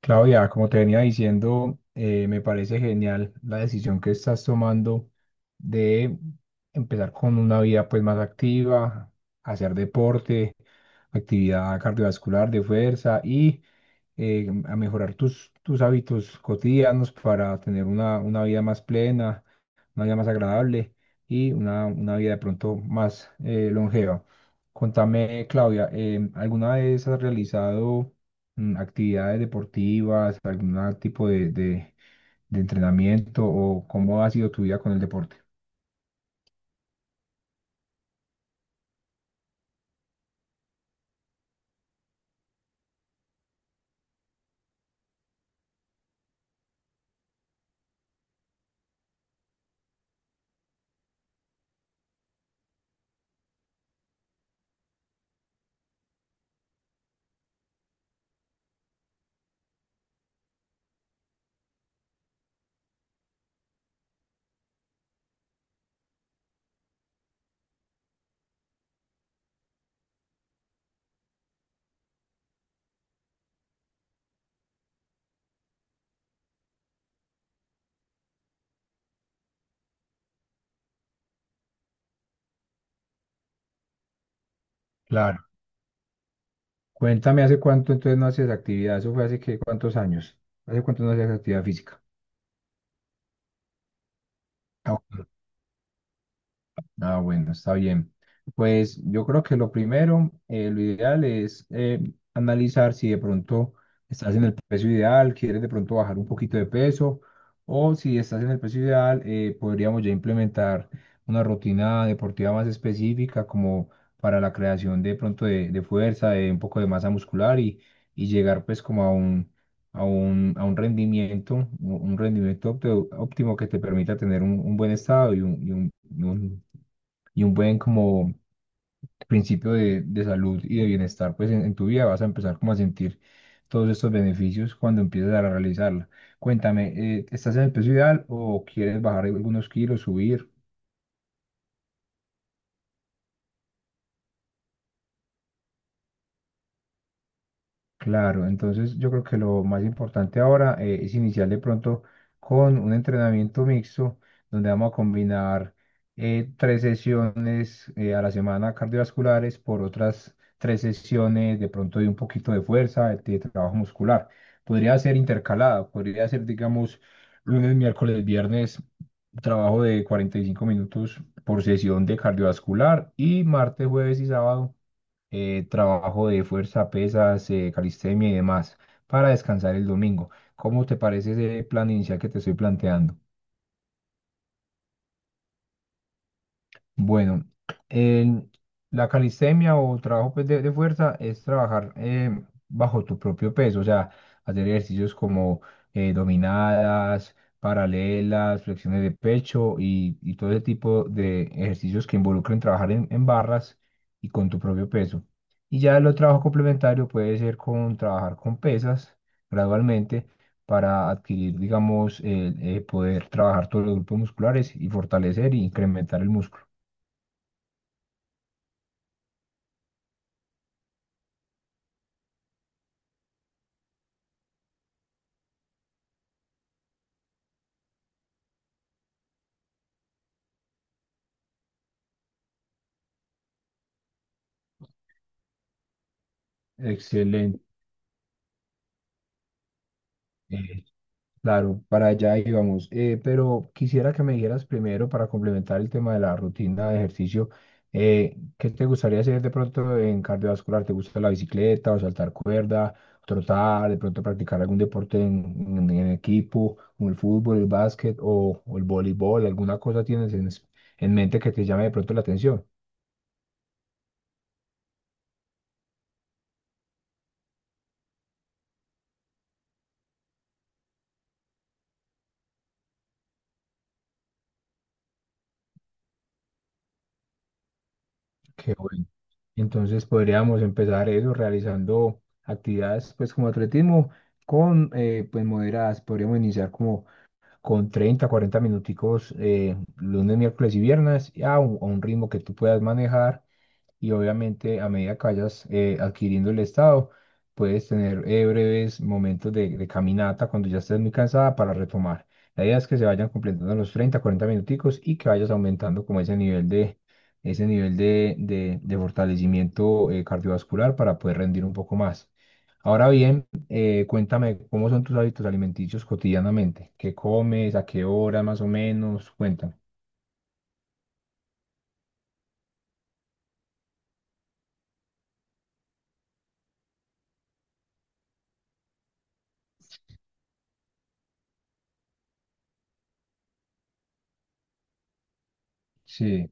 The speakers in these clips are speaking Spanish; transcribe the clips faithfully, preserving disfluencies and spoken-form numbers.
Claudia, como te venía diciendo, eh, me parece genial la decisión que estás tomando de empezar con una vida pues más activa, hacer deporte, actividad cardiovascular de fuerza y eh, a mejorar tus, tus hábitos cotidianos para tener una, una vida más plena, una vida más agradable y una, una vida de pronto más eh, longeva. Contame, Claudia, em, ¿alguna vez has realizado mm, actividades deportivas, algún tipo de, de, de entrenamiento o cómo ha sido tu vida con el deporte? Claro. Cuéntame, ¿hace cuánto entonces no haces actividad? ¿Eso fue hace qué, cuántos años? ¿Hace cuánto no hacías actividad física? Ah, bueno, está bien. Pues yo creo que lo primero, eh, lo ideal es eh, analizar si de pronto estás en el peso ideal, quieres de pronto bajar un poquito de peso, o si estás en el peso ideal, eh, podríamos ya implementar una rutina deportiva más específica como para la creación de pronto de, de fuerza, de un poco de masa muscular y, y llegar pues como a un, a un, a un rendimiento, un un rendimiento óptimo óptimo que te permita tener un, un buen estado y un, y un- y un y un buen como principio de, de salud y de bienestar, pues en, en tu vida vas a empezar como a sentir todos estos beneficios cuando empieces a realizarla. Cuéntame, eh, ¿estás en el peso ideal o quieres bajar algunos kilos, subir? Claro, entonces yo creo que lo más importante ahora eh, es iniciar de pronto con un entrenamiento mixto donde vamos a combinar eh, tres sesiones eh, a la semana cardiovasculares por otras tres sesiones de pronto de un poquito de fuerza, de trabajo muscular. Podría ser intercalado, podría ser, digamos, lunes, miércoles, viernes, trabajo de cuarenta y cinco minutos por sesión de cardiovascular y martes, jueves y sábado, eh, trabajo de fuerza, pesas, eh, calistenia y demás, para descansar el domingo. ¿Cómo te parece ese plan inicial que te estoy planteando? Bueno, el- la calistenia o trabajo pues, de, de fuerza es trabajar eh, bajo tu propio peso, o sea, hacer ejercicios como eh, dominadas, paralelas, flexiones de pecho y, y todo ese tipo de ejercicios que involucren trabajar en, en barras y con tu propio peso. Y ya el otro trabajo complementario puede ser con trabajar con pesas gradualmente para adquirir, digamos, el, eh, poder trabajar todos los grupos musculares y fortalecer e incrementar el músculo. Excelente. eh, claro, para allá íbamos. Eh, pero quisiera que me dijeras primero, para complementar el tema de la rutina de ejercicio, eh, ¿qué te gustaría hacer de pronto en cardiovascular? ¿Te gusta la bicicleta o saltar cuerda, trotar, de pronto practicar algún deporte en, en- en equipo, como el fútbol, el básquet o, o el voleibol? ¿Alguna cosa tienes en, es- en mente que te llame de pronto la atención? Qué bueno. Entonces podríamos empezar eso realizando actividades pues como atletismo con eh, pues moderadas. Podríamos iniciar como con treinta cuarenta minuticos eh, lunes, miércoles y viernes a un, a un ritmo que tú puedas manejar y obviamente a medida que vayas eh, adquiriendo el estado, puedes tener eh, breves momentos de, de caminata cuando ya estés muy cansada para retomar. La idea es que se vayan completando los treinta cuarenta minuticos y que vayas aumentando como ese nivel de, ese nivel de, de- de fortalecimiento eh, cardiovascular para poder rendir un poco más. Ahora bien, eh, cuéntame cómo son tus hábitos alimenticios cotidianamente, qué comes, a qué hora más o menos, cuéntame. Sí.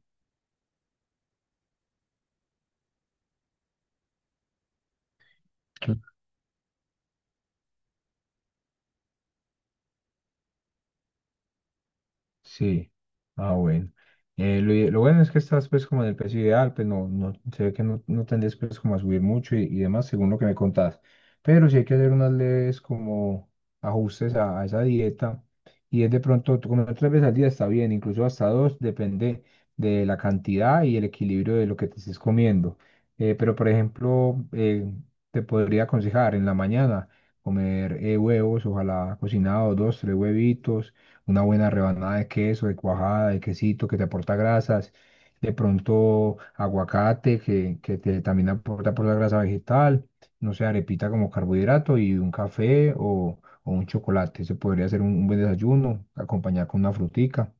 Sí, ah, bueno. Eh, lo, ide- lo bueno es que estás pues como en el peso ideal, pues no, no, se ve que no, no tendés pues como a subir mucho y, y demás, según lo que me contás. Pero sí hay que hacer unas leves como ajustes a, a esa dieta. Y es de pronto, tú comer tres veces al día está bien, incluso hasta dos, depende de la cantidad y el equilibrio de lo que te estés comiendo. Eh, pero por ejemplo, eh, te podría aconsejar en la mañana comer eh, huevos, ojalá cocinados, dos, tres huevitos, una buena rebanada de queso, de cuajada, de quesito que te aporta grasas, de pronto aguacate que, que te también aporta, aporta grasa vegetal, no sé, arepita como carbohidrato y un café o, o un chocolate. Se podría hacer un, un buen desayuno, acompañar con una frutica,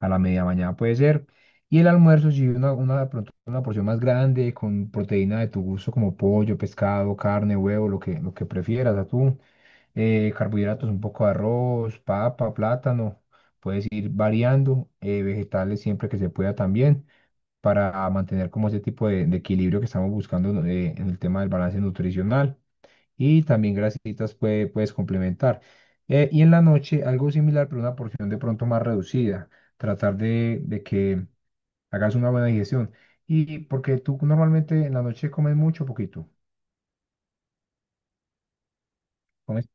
a la media mañana puede ser. Y el almuerzo, si una, una, de pronto una porción más grande con proteína de tu gusto como pollo, pescado, carne, huevo, lo que, lo que prefieras, atún, eh, carbohidratos, un poco de arroz, papa, plátano. Puedes ir variando, eh, vegetales siempre que se pueda también, para mantener como ese tipo de, de equilibrio que estamos buscando eh, en el tema del balance nutricional. Y también grasitas puede- puedes complementar. Eh, y en la noche algo similar, pero una porción de pronto más reducida. Tratar de, de que hagas una buena digestión. Y porque tú normalmente en la noche comes mucho o poquito. Comes-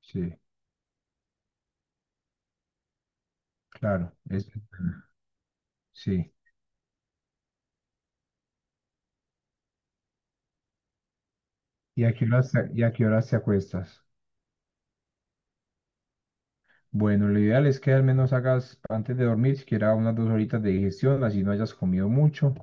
sí, claro. Es, sí. ¿Y a qué horas te, y a qué horas te acuestas? Bueno, lo ideal es que al menos hagas antes de dormir siquiera unas dos horitas de digestión, así no hayas comido mucho.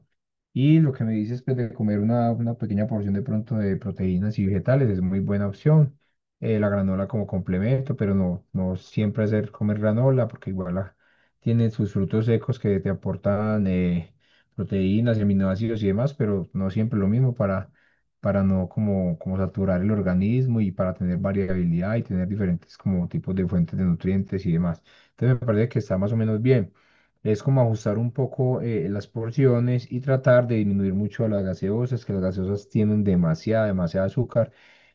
Y lo que me dices, pues de comer una, una pequeña porción de pronto de proteínas y vegetales es muy buena opción. Eh, la granola como complemento, pero no, no siempre hacer comer granola porque igual la- tiene sus frutos secos que te aportan eh, proteínas y aminoácidos y demás, pero no siempre lo mismo para para no como, como saturar el organismo y para tener variabilidad y tener diferentes como tipos de fuentes de nutrientes y demás. Entonces me parece que está más o menos bien. Es como ajustar un poco eh, las porciones y tratar de disminuir mucho las gaseosas, que las gaseosas tienen demasiada, demasiada azúcar.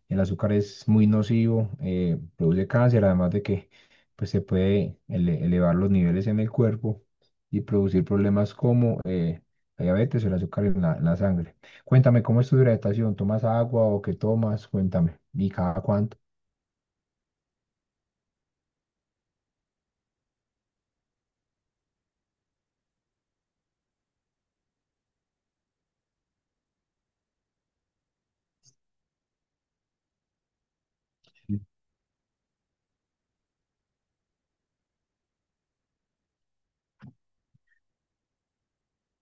El azúcar es muy nocivo, eh, produce cáncer, además de que pues, se puede ele- elevar los niveles en el cuerpo y producir problemas como eh, la diabetes o el azúcar en la en la sangre. Cuéntame, ¿cómo es tu hidratación? ¿Tomas agua o qué tomas? Cuéntame. ¿Y cada cuánto? Sí.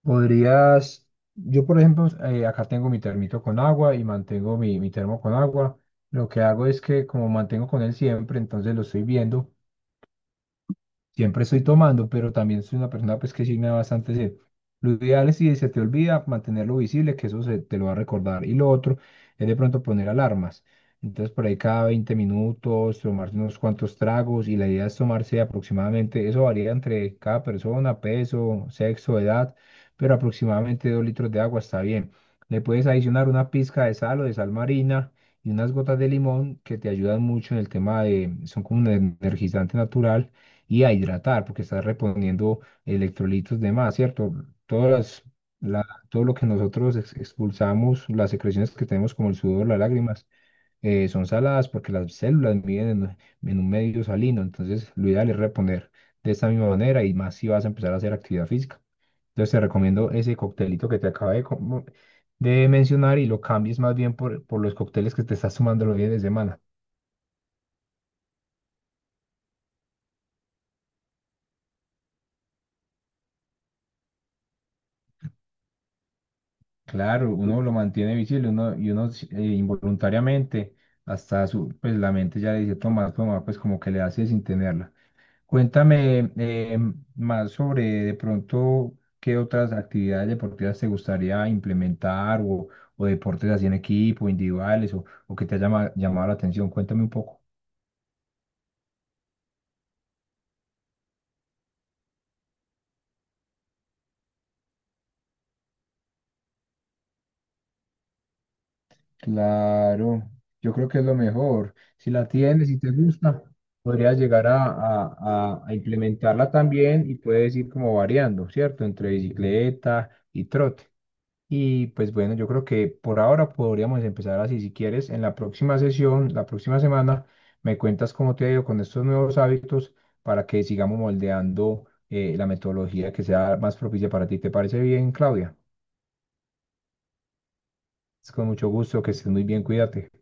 Podrías, yo por ejemplo, eh, acá tengo mi termito con agua y mantengo mi, mi termo con agua. Lo que hago es que como mantengo con él siempre, entonces lo estoy viendo. Siempre estoy tomando, pero también soy una persona pues que sí me da bastante sed. Lo ideal es si se te olvida mantenerlo visible, que eso se, te lo va a recordar. Y lo otro es de pronto poner alarmas. Entonces por ahí cada veinte minutos, tomarse unos cuantos tragos y la idea es tomarse aproximadamente, eso varía entre cada persona, peso, sexo, edad, pero aproximadamente dos litros de agua está bien. Le puedes adicionar una pizca de sal o de sal marina y unas gotas de limón que te ayudan mucho en el tema de, son como un energizante natural y a hidratar, porque estás reponiendo electrolitos de más, ¿cierto? Todas las, la- todo lo que nosotros ex- expulsamos, las secreciones que tenemos como el sudor, las lágrimas, eh, son saladas porque las células miden en, en un medio salino, entonces lo ideal es reponer de esta misma manera y más si vas a empezar a hacer actividad física. Entonces te recomiendo ese coctelito que te acabé de, com- de mencionar y lo cambies más bien por, por los cócteles que te estás tomando los fines de semana. Claro, uno lo mantiene visible, uno, y uno eh, involuntariamente, hasta su, pues la mente ya le dice, toma, toma, pues como que le hace sin tenerla. Cuéntame eh, más sobre de pronto qué otras actividades deportivas te gustaría implementar o, o deportes así en equipo, individuales o, o que te haya llama- llamado la atención. Cuéntame un poco. Claro, yo creo que es lo mejor. Si la tienes y te gusta, podrías llegar a, a- a- a implementarla también y puedes ir como variando, ¿cierto? Entre bicicleta y trote. Y pues bueno, yo creo que por ahora podríamos empezar así. Si quieres, en la próxima sesión, la próxima semana, me cuentas cómo te ha ido con estos nuevos hábitos para que sigamos moldeando eh, la metodología que sea más propicia para ti. ¿Te parece bien, Claudia? Es con mucho gusto, que estés muy bien, cuídate.